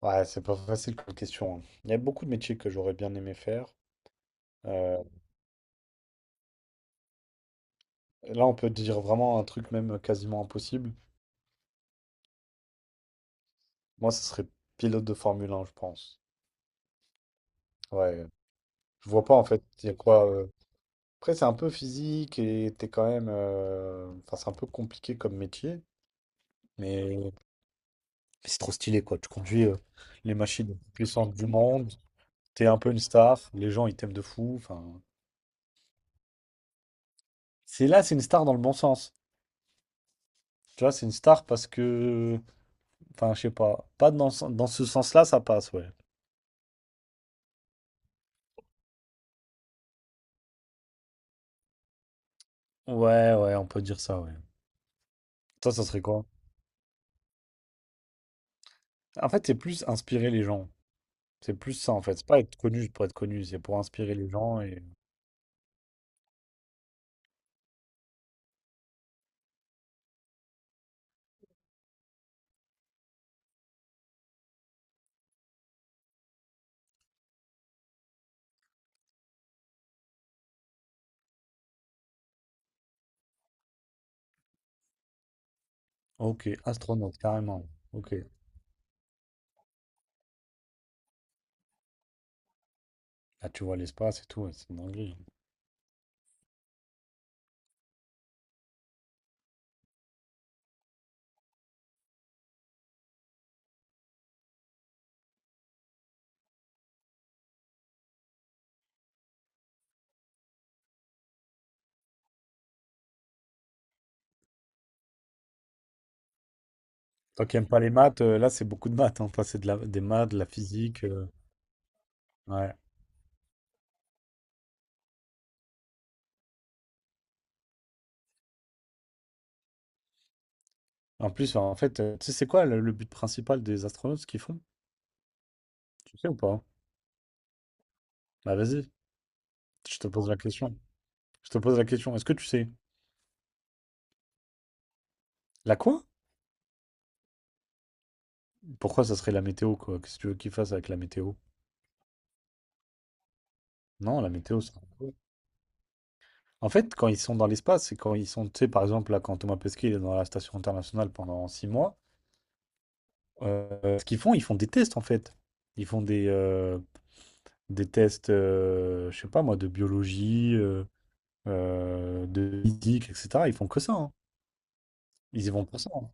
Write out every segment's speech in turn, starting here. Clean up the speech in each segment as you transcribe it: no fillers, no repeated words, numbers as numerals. Ouais, c'est pas facile comme question, hein. Il y a beaucoup de métiers que j'aurais bien aimé faire. Euh, Là, on peut dire vraiment un truc même quasiment impossible. Moi, ce serait pilote de Formule un je pense. Ouais, je vois pas en fait. Il y a quoi, Après, c'est un peu physique et t'es quand même, enfin, c'est un peu compliqué comme métier, mais c'est trop stylé quoi. Tu conduis les machines les plus puissantes du monde. T'es un peu une star. Les gens, ils t'aiment de fou. Enfin, c'est là, c'est une star dans le bon sens. Tu vois, c'est une star parce que enfin, je sais pas. Pas dans, dans ce sens-là, ça passe, ouais. Ouais, ouais, on peut dire ça, ouais. Toi, ça serait quoi? En fait, c'est plus inspirer les gens. C'est plus ça, en fait. C'est pas être connu juste pour être connu, c'est pour inspirer les gens et... Ok, astronaute, carrément. Ok. Là, tu vois l'espace et tout, ouais, c'est une dinguerie, hein. Toi qui aimes pas les maths, là, c'est beaucoup de maths, hein. Toi, c'est de la... des maths, de la physique, ouais. En plus, enfin, en fait, tu sais, c'est quoi le but principal des astronautes, ce qu'ils font? Tu sais ou pas? Bah, vas-y, je te pose la question. Je te pose la question. Est-ce que tu sais? La quoi? Pourquoi ça serait la météo, quoi? Qu'est-ce que tu veux qu'ils fassent avec la météo? Non, la météo, c'est... En fait, quand ils sont dans l'espace, c'est quand ils sont, tu sais, par exemple, là, quand Thomas Pesquet il est dans la station internationale pendant six mois, ce qu'ils font, ils font des tests, en fait. Ils font des tests, je sais pas moi, de biologie, de physique, etc. Ils font que ça, hein. Ils y vont pour ça, hein.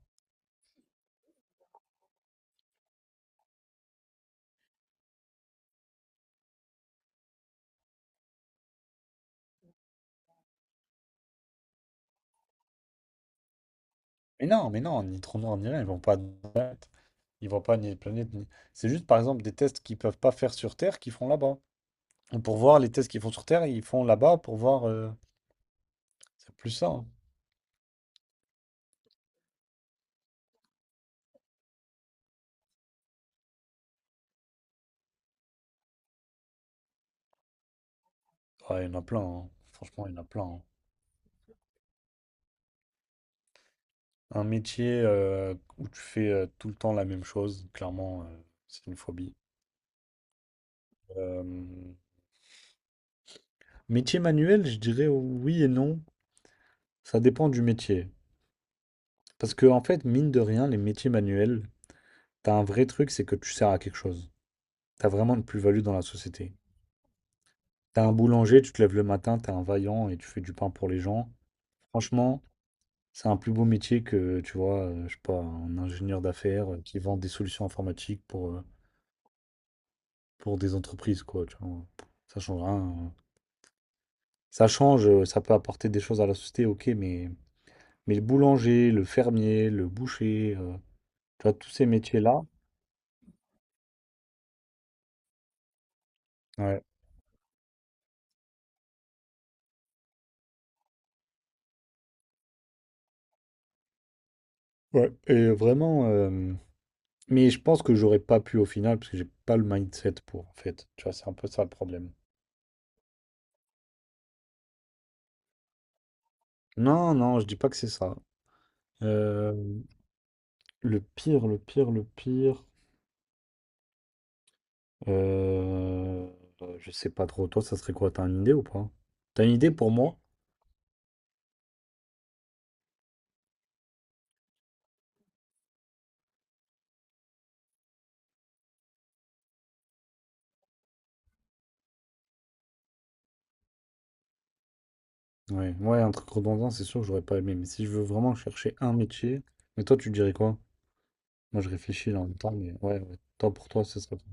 Mais non, ni trou noir, ni rien, ils vont pas... Ils vont pas ni planète, ni... C'est juste, par exemple, des tests qu'ils peuvent pas faire sur Terre, qu'ils font là-bas. Pour voir les tests qu'ils font sur Terre, ils font là-bas pour voir, c'est plus ça, hein. Ouais, il y en a plein, hein. Franchement, il y en a plein, hein. Un métier où tu fais tout le temps la même chose, clairement, c'est une phobie. Euh, Métier manuel, je dirais oui et non. Ça dépend du métier. Parce que, en fait, mine de rien, les métiers manuels, t'as un vrai truc, c'est que tu sers à quelque chose. T'as vraiment une plus-value dans la société. T'as un boulanger, tu te lèves le matin, t'es un vaillant et tu fais du pain pour les gens. Franchement, c'est un plus beau métier que, tu vois, je sais pas, un ingénieur d'affaires, qui vend des solutions informatiques pour des entreprises, quoi, tu vois? Ça change rien, hein. Ça change, ça peut apporter des choses à la société, OK, mais le boulanger, le fermier, le boucher, tu vois, tous ces métiers-là ouais, ouais et vraiment, mais je pense que j'aurais pas pu au final parce que j'ai pas le mindset pour, en fait. Tu vois, c'est un peu ça le problème. Non, non, je dis pas que c'est ça. Hem, le pire, le pire, le pire Euh, je sais pas trop. Toi, ça serait quoi? T'as une idée ou pas? T'as une idée pour moi? Ouais, ouais, un truc redondant, c'est sûr que j'aurais pas aimé. Mais si je veux vraiment chercher un métier, mais toi, tu dirais quoi? Moi, je réfléchis là en même temps, mais ouais, ouais. Toi, pour toi, ce serait quoi?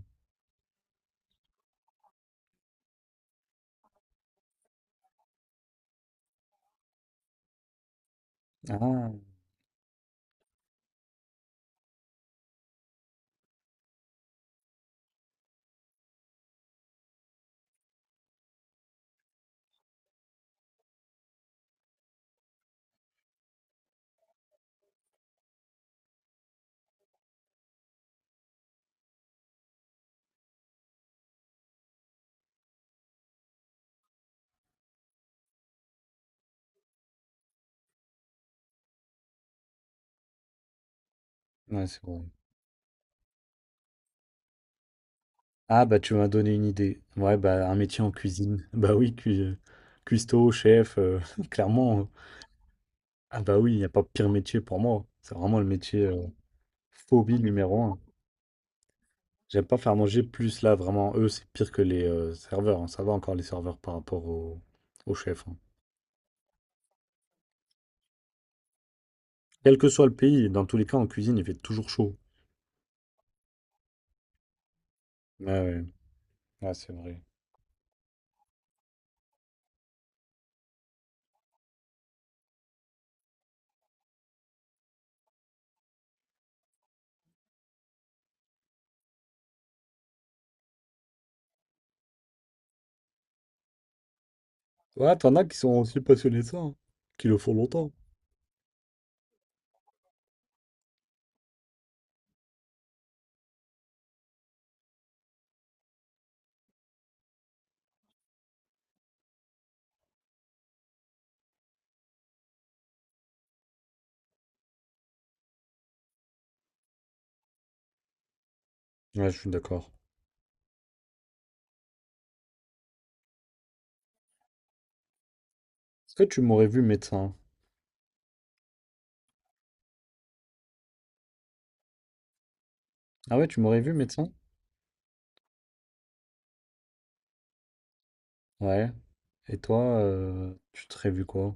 Ah, ouais, c'est vrai. Ah, bah, tu m'as donné une idée. Ouais, bah, un métier en cuisine. Bah oui, cuistot, chef, clairement, Ah, bah oui, il n'y a pas pire métier pour moi. C'est vraiment le métier phobie numéro un. J'aime pas faire manger plus là, vraiment. Eux, c'est pire que les serveurs, hein. Ça va encore les serveurs par rapport au chef, hein. Quel que soit le pays, dans tous les cas, en cuisine, il fait toujours chaud. Ouais, ouais. Ouais, c'est vrai. Ouais, t'en as qui sont aussi passionnés de ça, hein, qui le font longtemps. Ouais, je suis d'accord. Est-ce que tu m'aurais vu médecin? Ah ouais, tu m'aurais vu médecin? Ouais. Et toi, tu te vu quoi?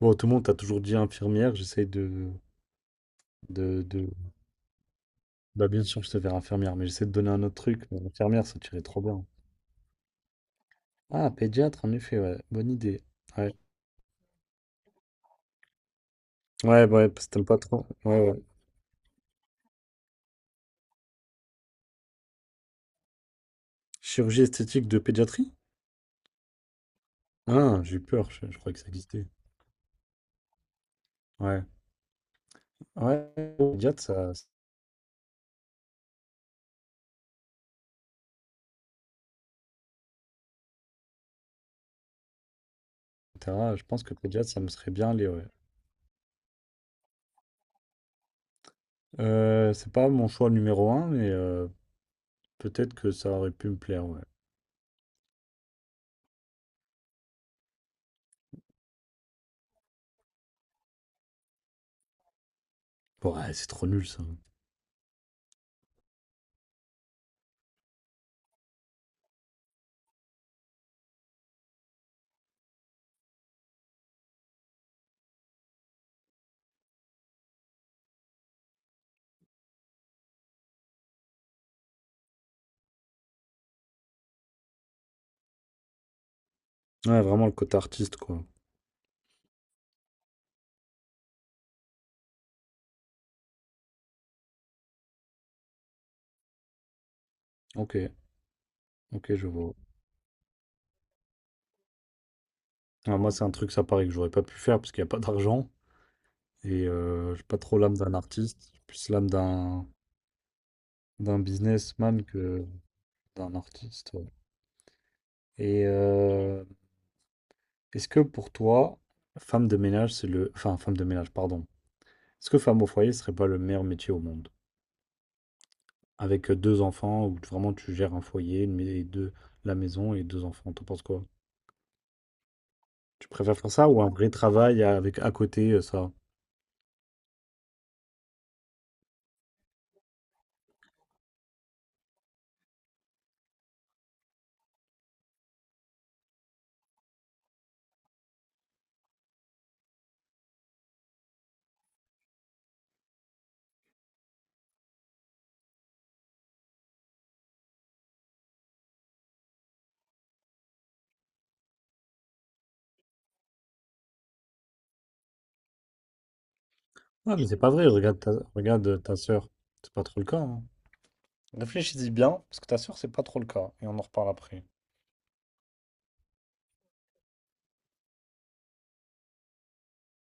Bon, tout le monde t'a toujours dit infirmière. J'essaye de, de- bah, bien sûr, je te verrai infirmière, mais j'essaie de donner un autre truc. Mais infirmière, ça tirait trop bien. Ah, pédiatre, en effet, ouais. Bonne idée. Ouais. Ouais, ouais, parce que t'aimes pas trop. Ouais, ouais. Chirurgie esthétique de pédiatrie? Ah, j'ai eu peur. Je croyais que ça existait. Ouais. Ouais, pédiatre, ça, etc. Je pense que pédiatre, ça me serait bien allé, ouais. C'est pas mon choix numéro un, mais peut-être que ça aurait pu me plaire, ouais. Ouais, c'est trop nul ça. Ouais, vraiment le côté artiste, quoi. Ok, ok, je vois. Ah, moi, c'est un truc, ça paraît que j'aurais pas pu faire parce qu'il n'y a pas d'argent. J'ai pas trop l'âme d'un artiste. J'ai plus l'âme d'un d'un businessman que d'un artiste, ouais. Et euh, Est-ce que pour toi, femme de ménage, c'est le. Enfin, femme de ménage, pardon. Est-ce que femme au foyer serait pas le meilleur métier au monde? Avec deux enfants, où vraiment tu gères un foyer, et deux, la maison et deux enfants. T'en penses quoi? Tu préfères faire ça ou un vrai travail avec à côté ça? Ah, mais c'est pas vrai, regarde ta sœur. C'est pas trop le cas, hein. Réfléchis-y bien, parce que ta sœur, c'est pas trop le cas. Et on en reparle après.